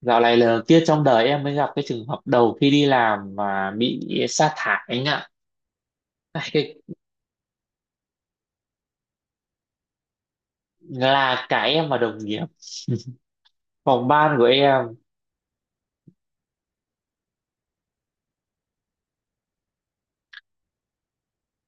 Dạo này là kia trong đời em mới gặp cái trường hợp đầu khi đi làm mà bị sa thải anh ạ. Ai, Cái, là cả em và đồng nghiệp, phòng ban của em.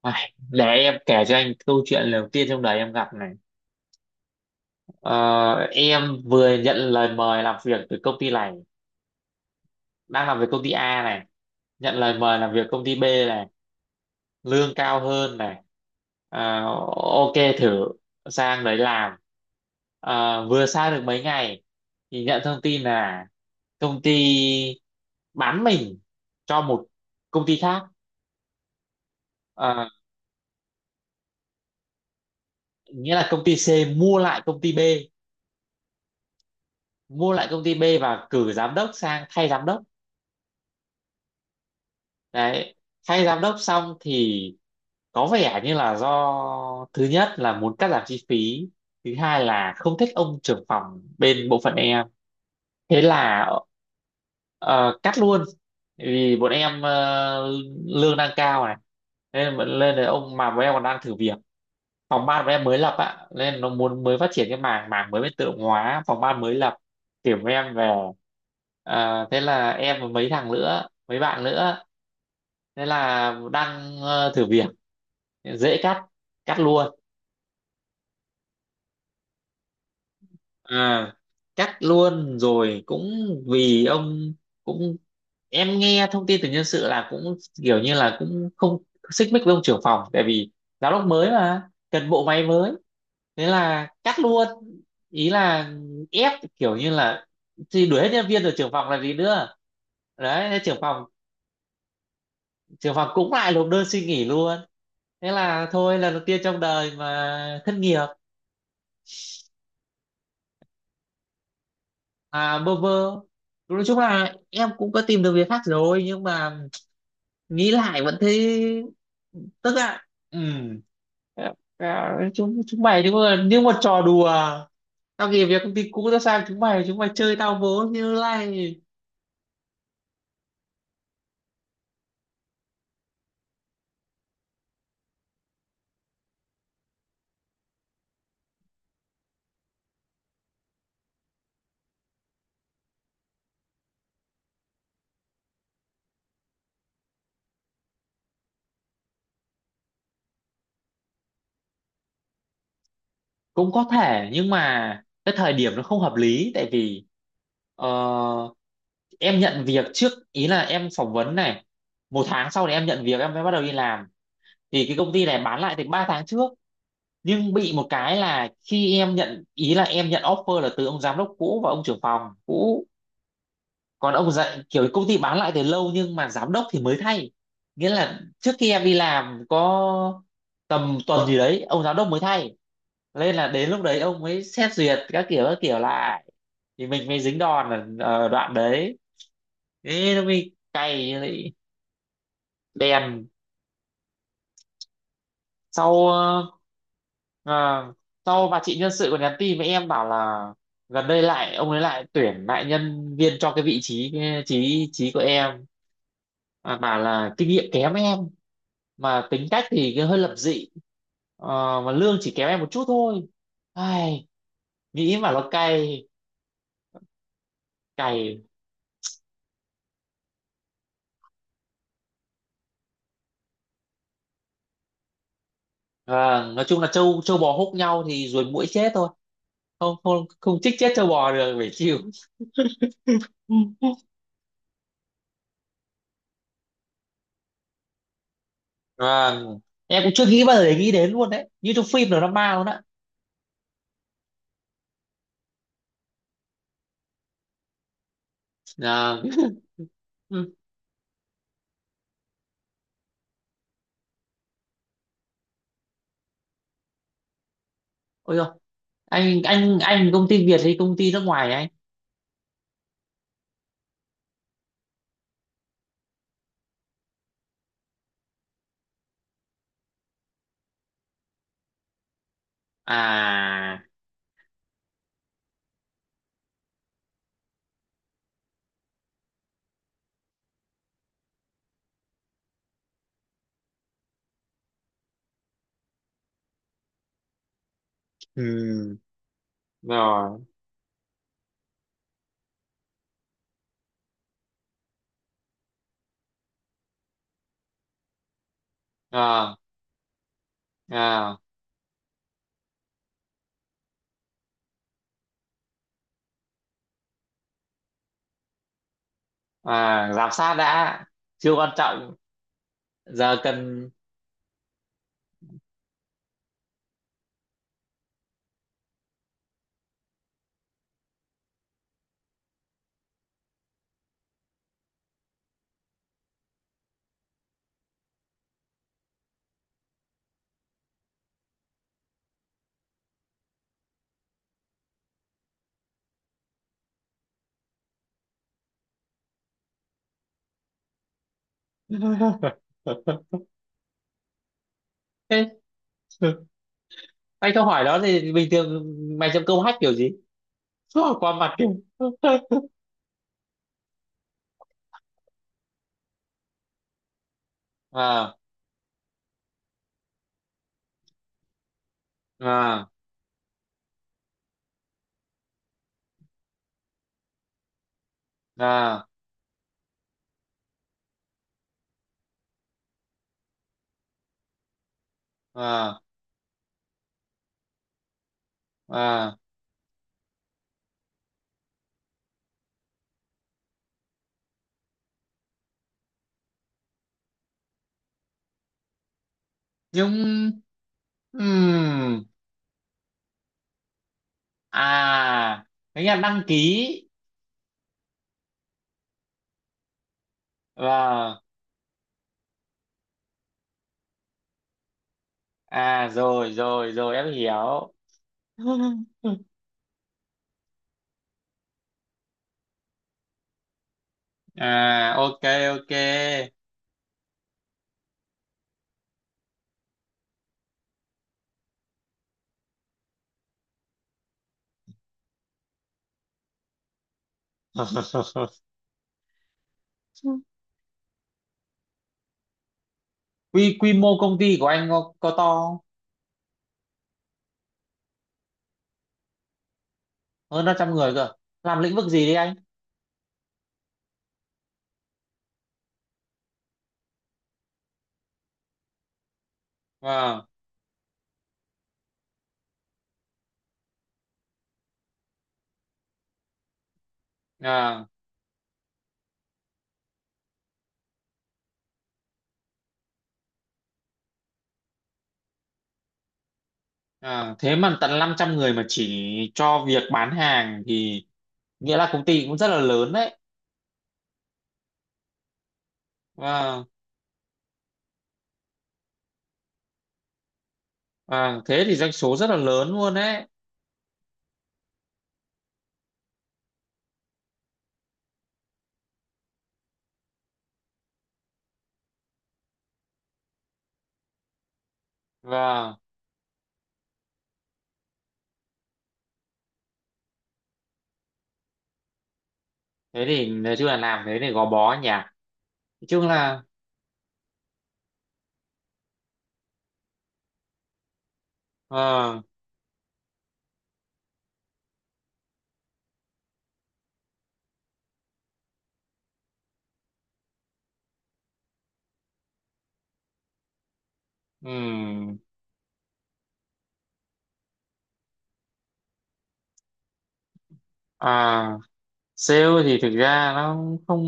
Ai, để em kể cho anh câu chuyện đầu tiên trong đời em gặp này. Ờ, em vừa nhận lời mời làm việc từ công ty này, đang làm việc công ty A này, nhận lời mời làm việc công ty B này. Lương cao hơn này, à, ok thử sang đấy làm. À, vừa sang được mấy ngày thì nhận thông tin là công ty bán mình cho một công ty khác. À, nghĩa là công ty C mua lại công ty B, mua lại công ty B và cử giám đốc sang thay giám đốc. Đấy, thay giám đốc xong thì có vẻ như là do thứ nhất là muốn cắt giảm chi phí, thứ hai là không thích ông trưởng phòng bên bộ phận em, thế là ờ, cắt luôn. Vì bọn em lương đang cao này, nên lên đấy ông mà bọn em còn đang thử việc. Phòng ban của em mới lập ạ, nên nó muốn mới phát triển cái mảng mảng mới bên tự động hóa, phòng ban mới lập tuyển của em về. À, thế là em và mấy thằng nữa, mấy bạn nữa, thế là đang thử việc, dễ cắt, cắt luôn. À, cắt luôn rồi cũng vì ông cũng, em nghe thông tin từ nhân sự là cũng kiểu như là cũng không xích mích với ông trưởng phòng, tại vì giám đốc mới mà cần bộ máy mới, thế là cắt luôn. Ý là ép, kiểu như là thì đuổi hết nhân viên rồi trưởng phòng là gì nữa. Đấy, thế trưởng phòng, trưởng phòng cũng lại nộp đơn xin nghỉ luôn. Thế là thôi, lần đầu tiên trong đời mà thất nghiệp. À, bơ vơ, nói chung là em cũng có tìm được việc khác rồi nhưng mà nghĩ lại vẫn thấy tức ạ. Ừ. Chúng chúng mày nếu mà như một trò đùa, tao nghỉ việc công ty cũ tao sang chúng mày, chúng mày chơi tao vố như này. Cũng có thể nhưng mà cái thời điểm nó không hợp lý, tại vì ờ, em nhận việc trước, ý là em phỏng vấn này, một tháng sau thì em nhận việc, em mới bắt đầu đi làm, thì cái công ty này bán lại từ 3 tháng trước. Nhưng bị một cái là khi em nhận, ý là em nhận offer là từ ông giám đốc cũ và ông trưởng phòng cũ. Còn ông dạy kiểu công ty bán lại từ lâu nhưng mà giám đốc thì mới thay, nghĩa là trước khi em đi làm có tầm tuần gì đấy ông giám đốc mới thay, nên là đến lúc đấy ông mới xét duyệt các kiểu lại, thì mình mới dính đòn ở, ở đoạn đấy, thế nó mới cay lại. Đen. Sau à, sau bà chị nhân sự còn nhắn tin với em bảo là gần đây lại ông ấy lại tuyển lại nhân viên cho cái vị trí cái trí trí của em. À, bảo là kinh nghiệm kém em mà tính cách thì cứ hơi lập dị. Ờ, mà lương chỉ kém em một chút thôi. Ai, nghĩ mà nó cay. Cày. Vâng, nói chung là trâu trâu bò húc nhau thì ruồi muỗi chết thôi, không không không chích chết trâu bò được, phải chịu. Vâng. Em cũng chưa nghĩ bao giờ để nghĩ đến luôn đấy, như trong phim drama luôn á. Vâng. Ừ. Ôi dồi, anh công ty Việt hay công ty nước ngoài anh? À, ừ, rồi, à, à, à, giám sát đã, chưa quan trọng, giờ cần. Ê, anh câu hỏi đó thì bình thường mày chấm câu hack kiểu gì? Qua mặt kìa. À, à, à, à, à, nhưng, ừ, à, nghĩa là đăng ký, vâng. À, rồi rồi rồi em hiểu. À, ok, ok. quy quy mô công ty của anh có to không? Hơn 500 người cơ, làm lĩnh vực gì đấy anh? Vâng. À, à, thế mà tận năm trăm người mà chỉ cho việc bán hàng thì nghĩa là công ty cũng rất là lớn đấy. Vâng, vâng, thế thì doanh số rất là lớn luôn đấy. Vâng, thế thì nói chung là làm thế thì gò bó nhỉ, nói chung là, à, ừm, à, sale thì thực ra nó không,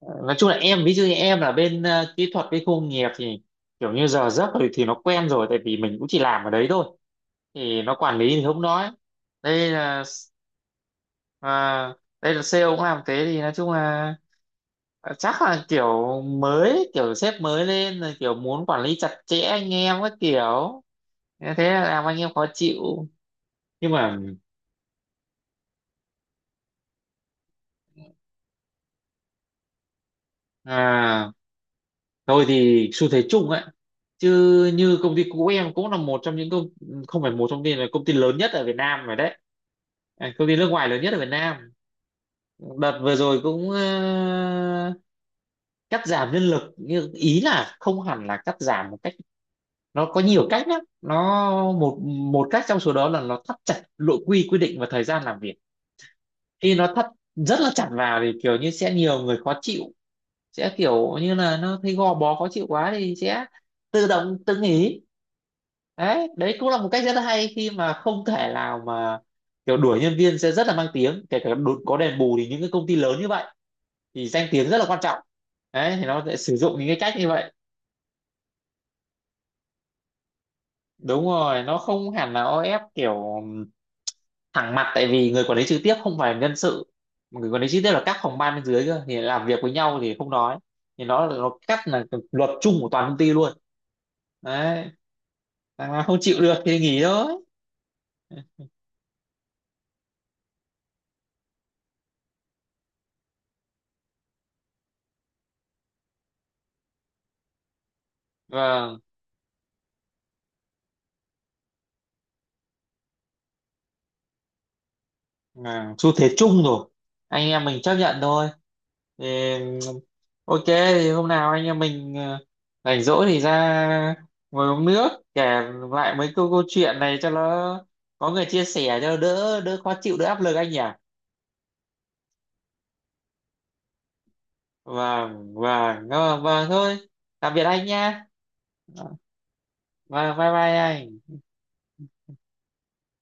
nói chung là em ví dụ như em là bên kỹ thuật với khu công nghiệp thì kiểu như giờ giấc thì nó quen rồi tại vì mình cũng chỉ làm ở đấy thôi, thì nó quản lý thì không nói. Đây là, à, đây là sale cũng làm thế thì nói chung là chắc là kiểu mới, kiểu sếp mới lên rồi kiểu muốn quản lý chặt chẽ anh em các kiểu, thế thế là làm anh em khó chịu. Nhưng mà, à, thôi thì xu thế chung ấy chứ. Như công ty cũ em cũng là một trong những công, không phải một trong những, là công ty lớn nhất ở Việt Nam rồi đấy. À, công ty nước ngoài lớn nhất ở Việt Nam. Đợt vừa rồi cũng cắt giảm nhân lực, nhưng ý là không hẳn là cắt giảm một cách, nó có nhiều cách lắm, nó một một cách trong số đó là nó thắt chặt nội quy quy định và thời gian làm việc. Khi nó thắt rất là chặt vào thì kiểu như sẽ nhiều người khó chịu, sẽ kiểu như là nó thấy gò bó khó chịu quá thì sẽ tự động tự nghỉ. Đấy, đấy cũng là một cách rất là hay, khi mà không thể nào mà kiểu đuổi nhân viên sẽ rất là mang tiếng, kể cả đột- có đền bù thì những cái công ty lớn như vậy thì danh tiếng rất là quan trọng. Đấy thì nó sẽ sử dụng những cái cách như vậy. Đúng rồi, nó không hẳn là o ép kiểu thẳng mặt, tại vì người quản lý trực tiếp không phải nhân sự, mà người quản lý trực tiếp là các phòng ban bên dưới cơ, thì làm việc với nhau thì không nói, thì nó cắt là luật chung của toàn công ty luôn. Đấy, thằng nào không chịu được thì nghỉ thôi. Vâng, à, xu thế chung rồi, anh em mình chấp nhận thôi. Thì ok thì hôm nào anh em mình rảnh rỗi thì ra ngồi uống nước, kể lại mấy câu câu chuyện này cho nó có người chia sẻ cho đỡ đỡ khó chịu, đỡ áp lực anh nhỉ. Vâng vâng vâng vâng, thôi, tạm biệt anh nha. Vâng, bye bye anh.